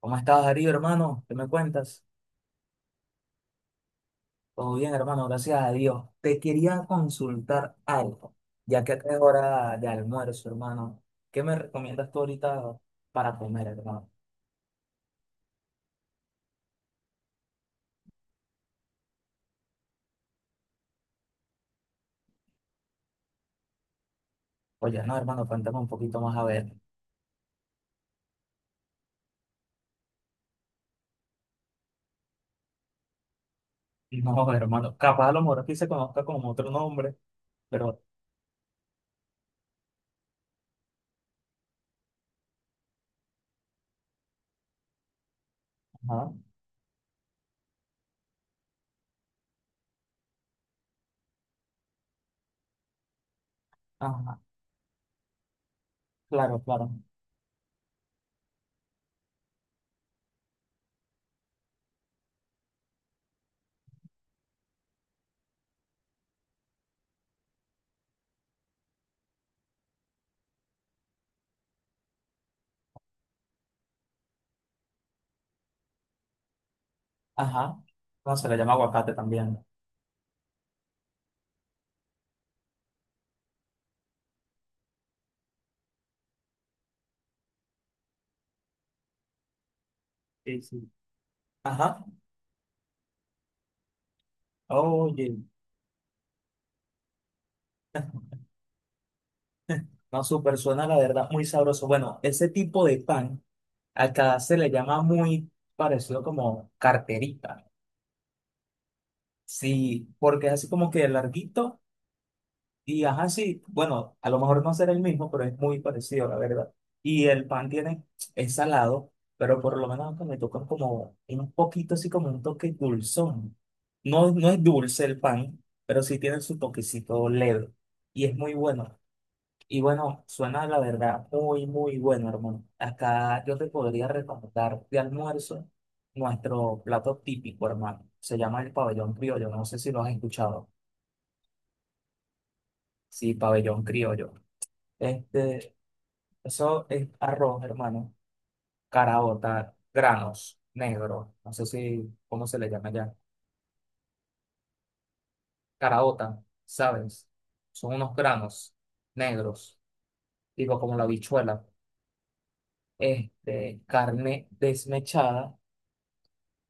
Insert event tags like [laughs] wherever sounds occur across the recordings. ¿Cómo estás, Darío, hermano? ¿Qué me cuentas? Todo bien, hermano, gracias a Dios. Te quería consultar algo, ya que acá es hora de almuerzo, hermano. ¿Qué me recomiendas tú ahorita para comer, hermano? Oye, no, hermano, cuéntame un poquito más a ver. [laughs] No, hermano, capaz a lo mejor aquí se conozca como otro nombre, pero... Ajá, ajá, claro, claro. Ajá. No, se le llama aguacate también. Sí, sí. Ajá. Oye, no, súper suena, la verdad, muy sabroso. Bueno, ese tipo de pan. Acá se le llama muy parecido como carterita. Sí, porque es así como que larguito y ajá, sí, bueno, a lo mejor no será el mismo, pero es muy parecido, la verdad. Y el pan tiene, es salado, pero por lo menos acá me tocan como un poquito así como un toque dulzón. No, no es dulce el pan, pero sí tiene su toquecito leve y es muy bueno. Y bueno, suena la verdad muy, muy bueno, hermano. Acá yo te podría recomendar de almuerzo nuestro plato típico, hermano. Se llama el pabellón criollo. No sé si lo has escuchado. Sí, pabellón criollo. Este, eso es arroz, hermano. Caraota, granos negros. No sé si, ¿cómo se le llama ya? Caraota, ¿sabes? Son unos granos negros, digo, como la habichuela. Este, carne desmechada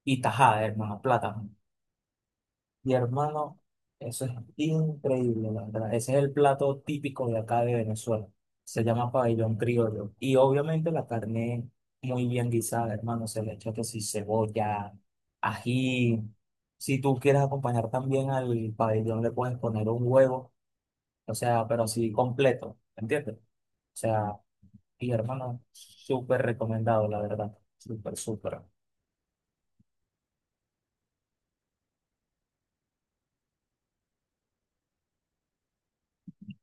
y tajada, hermano, plátano. Y hermano, eso es increíble, la verdad. Ese es el plato típico de acá de Venezuela. Se llama pabellón criollo. Y obviamente la carne muy bien guisada, hermano. Se le echa que si cebolla, ají. Si tú quieres acompañar también al pabellón, le puedes poner un huevo. O sea, pero así completo, ¿entiendes? O sea, y hermano, súper recomendado, la verdad. Súper, súper.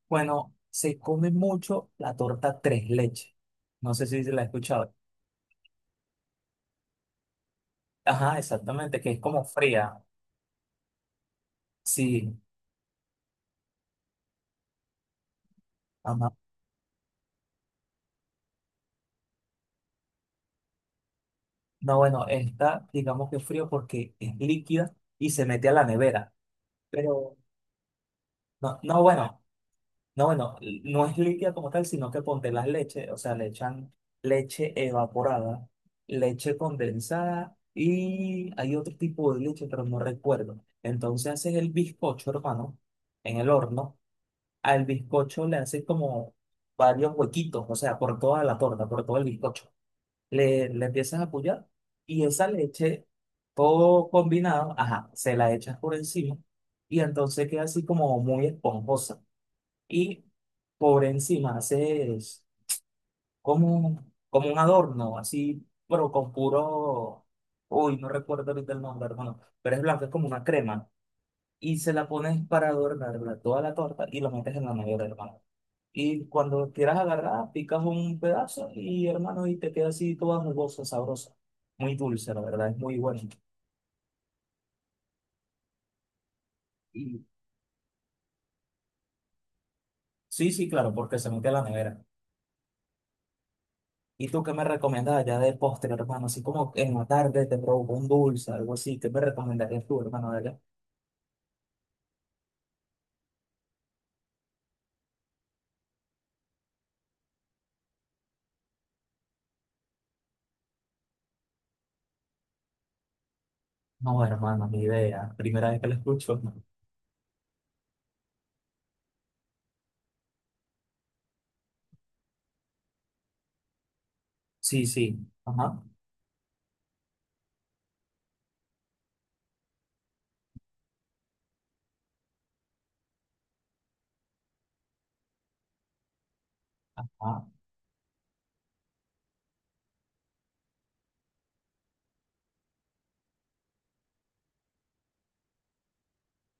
Bueno, se come mucho la torta tres leches. No sé si se la he escuchado. Ajá, exactamente, que es como fría. Sí, ajá. No, bueno, está, digamos que frío porque es líquida y se mete a la nevera. Pero, no, no, bueno, no, bueno, no es líquida como tal, sino que ponte las leches, o sea, le echan leche evaporada, leche condensada y hay otro tipo de leche, pero no recuerdo. Entonces haces el bizcocho, hermano, en el horno. Al bizcocho le haces como varios huequitos, o sea, por toda la torta, por todo el bizcocho. Le empiezas a apoyar y esa leche, todo combinado, ajá, se la echas por encima y entonces queda así como muy esponjosa. Y por encima haces como, como un adorno, así, pero con puro, uy, no recuerdo ahorita el nombre, hermano, pero es blanco, es como una crema. Y se la pones para adornar toda la torta y lo metes en la nevera, hermano. Y cuando quieras agarrar, picas un pedazo y hermano, y te queda así toda jugosa, sabrosa. Muy dulce, la verdad, es muy bueno. Y sí, sí, claro, porque se mete a la nevera. ¿Y tú qué me recomiendas allá de postre, hermano? Así como en la tarde te provoca un dulce, algo así. ¿Qué me recomendarías tú, hermano, de allá? No, hermano, ni idea. Primera vez que lo escucho. Sí, sí. Ajá. Ah,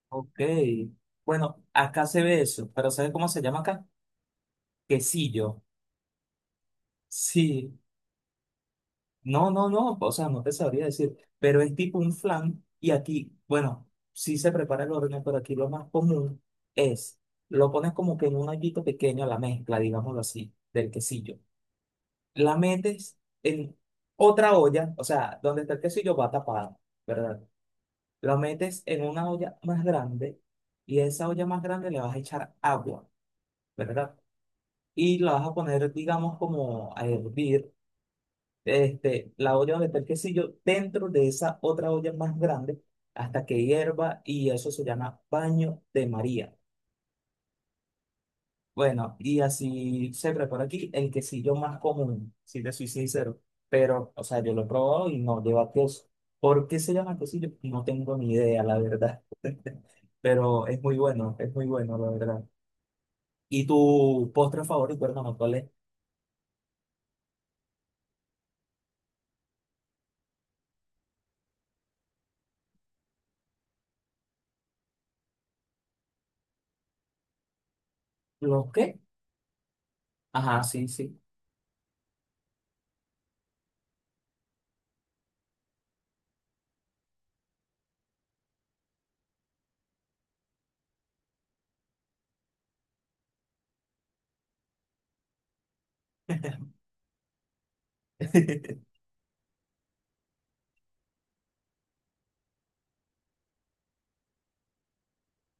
ok. Bueno, acá se ve eso, pero ¿sabes cómo se llama acá? Quesillo. Sí. No, no, no, o sea, no te sabría decir, pero es tipo un flan y aquí, bueno, sí se prepara el horno, pero aquí lo más común es, lo pones como que en un hoyito pequeño, la mezcla, digámoslo así, del quesillo. La metes en otra olla, o sea, donde está el quesillo va tapado, ¿verdad? Lo metes en una olla más grande y a esa olla más grande le vas a echar agua, ¿verdad? Y la vas a poner, digamos, como a hervir este, la olla donde está el quesillo dentro de esa otra olla más grande hasta que hierva y eso se llama baño de María. Bueno, y así se prepara aquí el quesillo más común, si te soy sincero. Pero, o sea, yo lo he probado y no lleva queso. ¿Por qué se llama quesillo? No tengo ni idea, la verdad. [laughs] Pero es muy bueno, la verdad. ¿Y tu postre favorito, hermano, cuál es? ¿Los qué? Ajá, sí, sí. [laughs]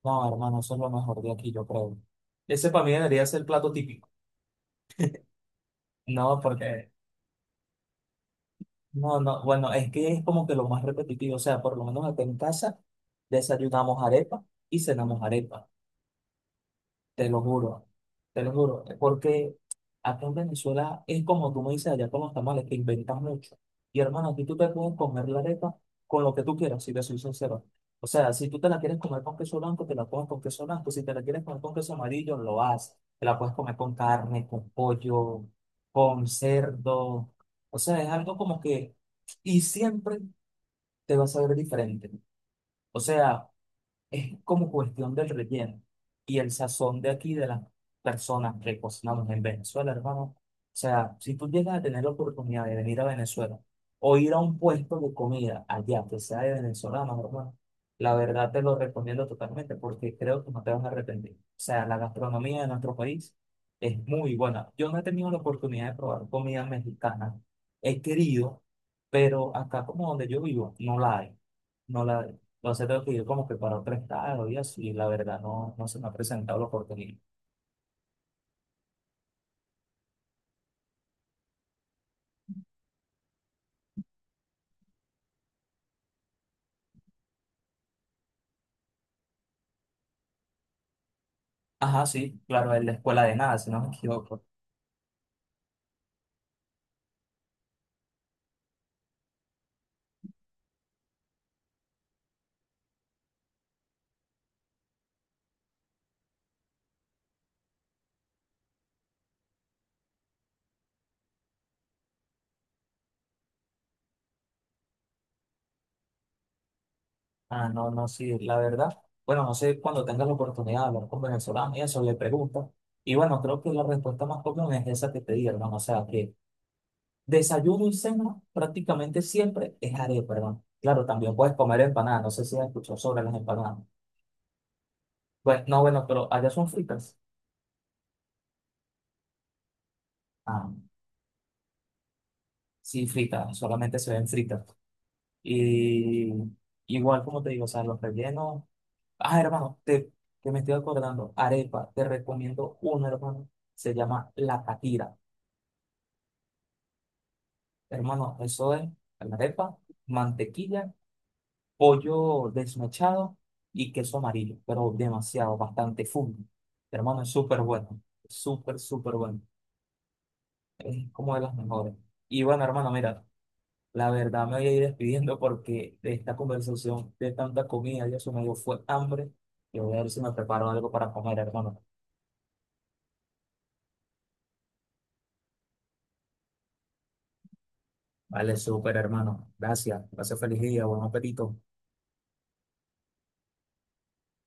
No, hermano, eso es lo mejor de aquí, yo creo. Ese para mí debería ser el plato típico. No, porque, no, no, bueno, es que es como que lo más repetitivo. O sea, por lo menos acá en casa desayunamos arepa y cenamos arepa. Te lo juro, te lo juro, porque acá en Venezuela es como tú me dices allá con los tamales, que inventas mucho. Y hermano, aquí tú te puedes comer la arepa con lo que tú quieras, si te soy sincero. O sea, si tú te la quieres comer con queso blanco, te la comes con queso blanco. Si te la quieres comer con queso amarillo, lo haces. Te la puedes comer con carne, con pollo, con cerdo. O sea, es algo como que... Y siempre te va a saber diferente. O sea es como cuestión del relleno y el sazón de aquí de las personas que cocinamos en Venezuela, hermano. O sea, si tú llegas a tener la oportunidad de venir a Venezuela o ir a un puesto de comida allá que sea de venezolanos, hermano, la verdad te lo recomiendo totalmente porque creo que no te vas a arrepentir. O sea, la gastronomía de nuestro país es muy buena. Yo no he tenido la oportunidad de probar comida mexicana. He querido, pero acá como donde yo vivo, no la hay. No la Entonces tengo que ir como que para otro estado y así, y la verdad no, no se me ha presentado la oportunidad. Ajá, sí, claro, es la escuela de nada, si no me [laughs] equivoco. Ah, no, no, sí, la verdad. Bueno, no sé, cuando tengas la oportunidad de hablar con venezolanos y eso, le preguntas. Y bueno, creo que la respuesta más común es esa que te di, hermano. O sea, que desayuno y cena prácticamente siempre es arepa, perdón. Claro, también puedes comer empanadas. No sé si has escuchado sobre las empanadas. Pues no, bueno, pero allá son fritas. Ah, sí, fritas, solamente se ven fritas. Y igual, como te digo, o sea, los rellenos. Ah, hermano, que me estoy acordando. Arepa, te recomiendo una, hermano. Se llama la catira. Hermano, eso es la arepa, mantequilla, pollo desmechado y queso amarillo, pero demasiado, bastante full. Hermano, es súper bueno. Súper, súper bueno. Es como de las mejores. Y bueno, hermano, mira. La verdad me voy a ir despidiendo porque de esta conversación, de tanta comida, ya se me dio fue hambre. Yo voy a ver si me preparo algo para comer, hermano. Vale, súper, hermano. Gracias. Gracias, feliz día. Buen apetito.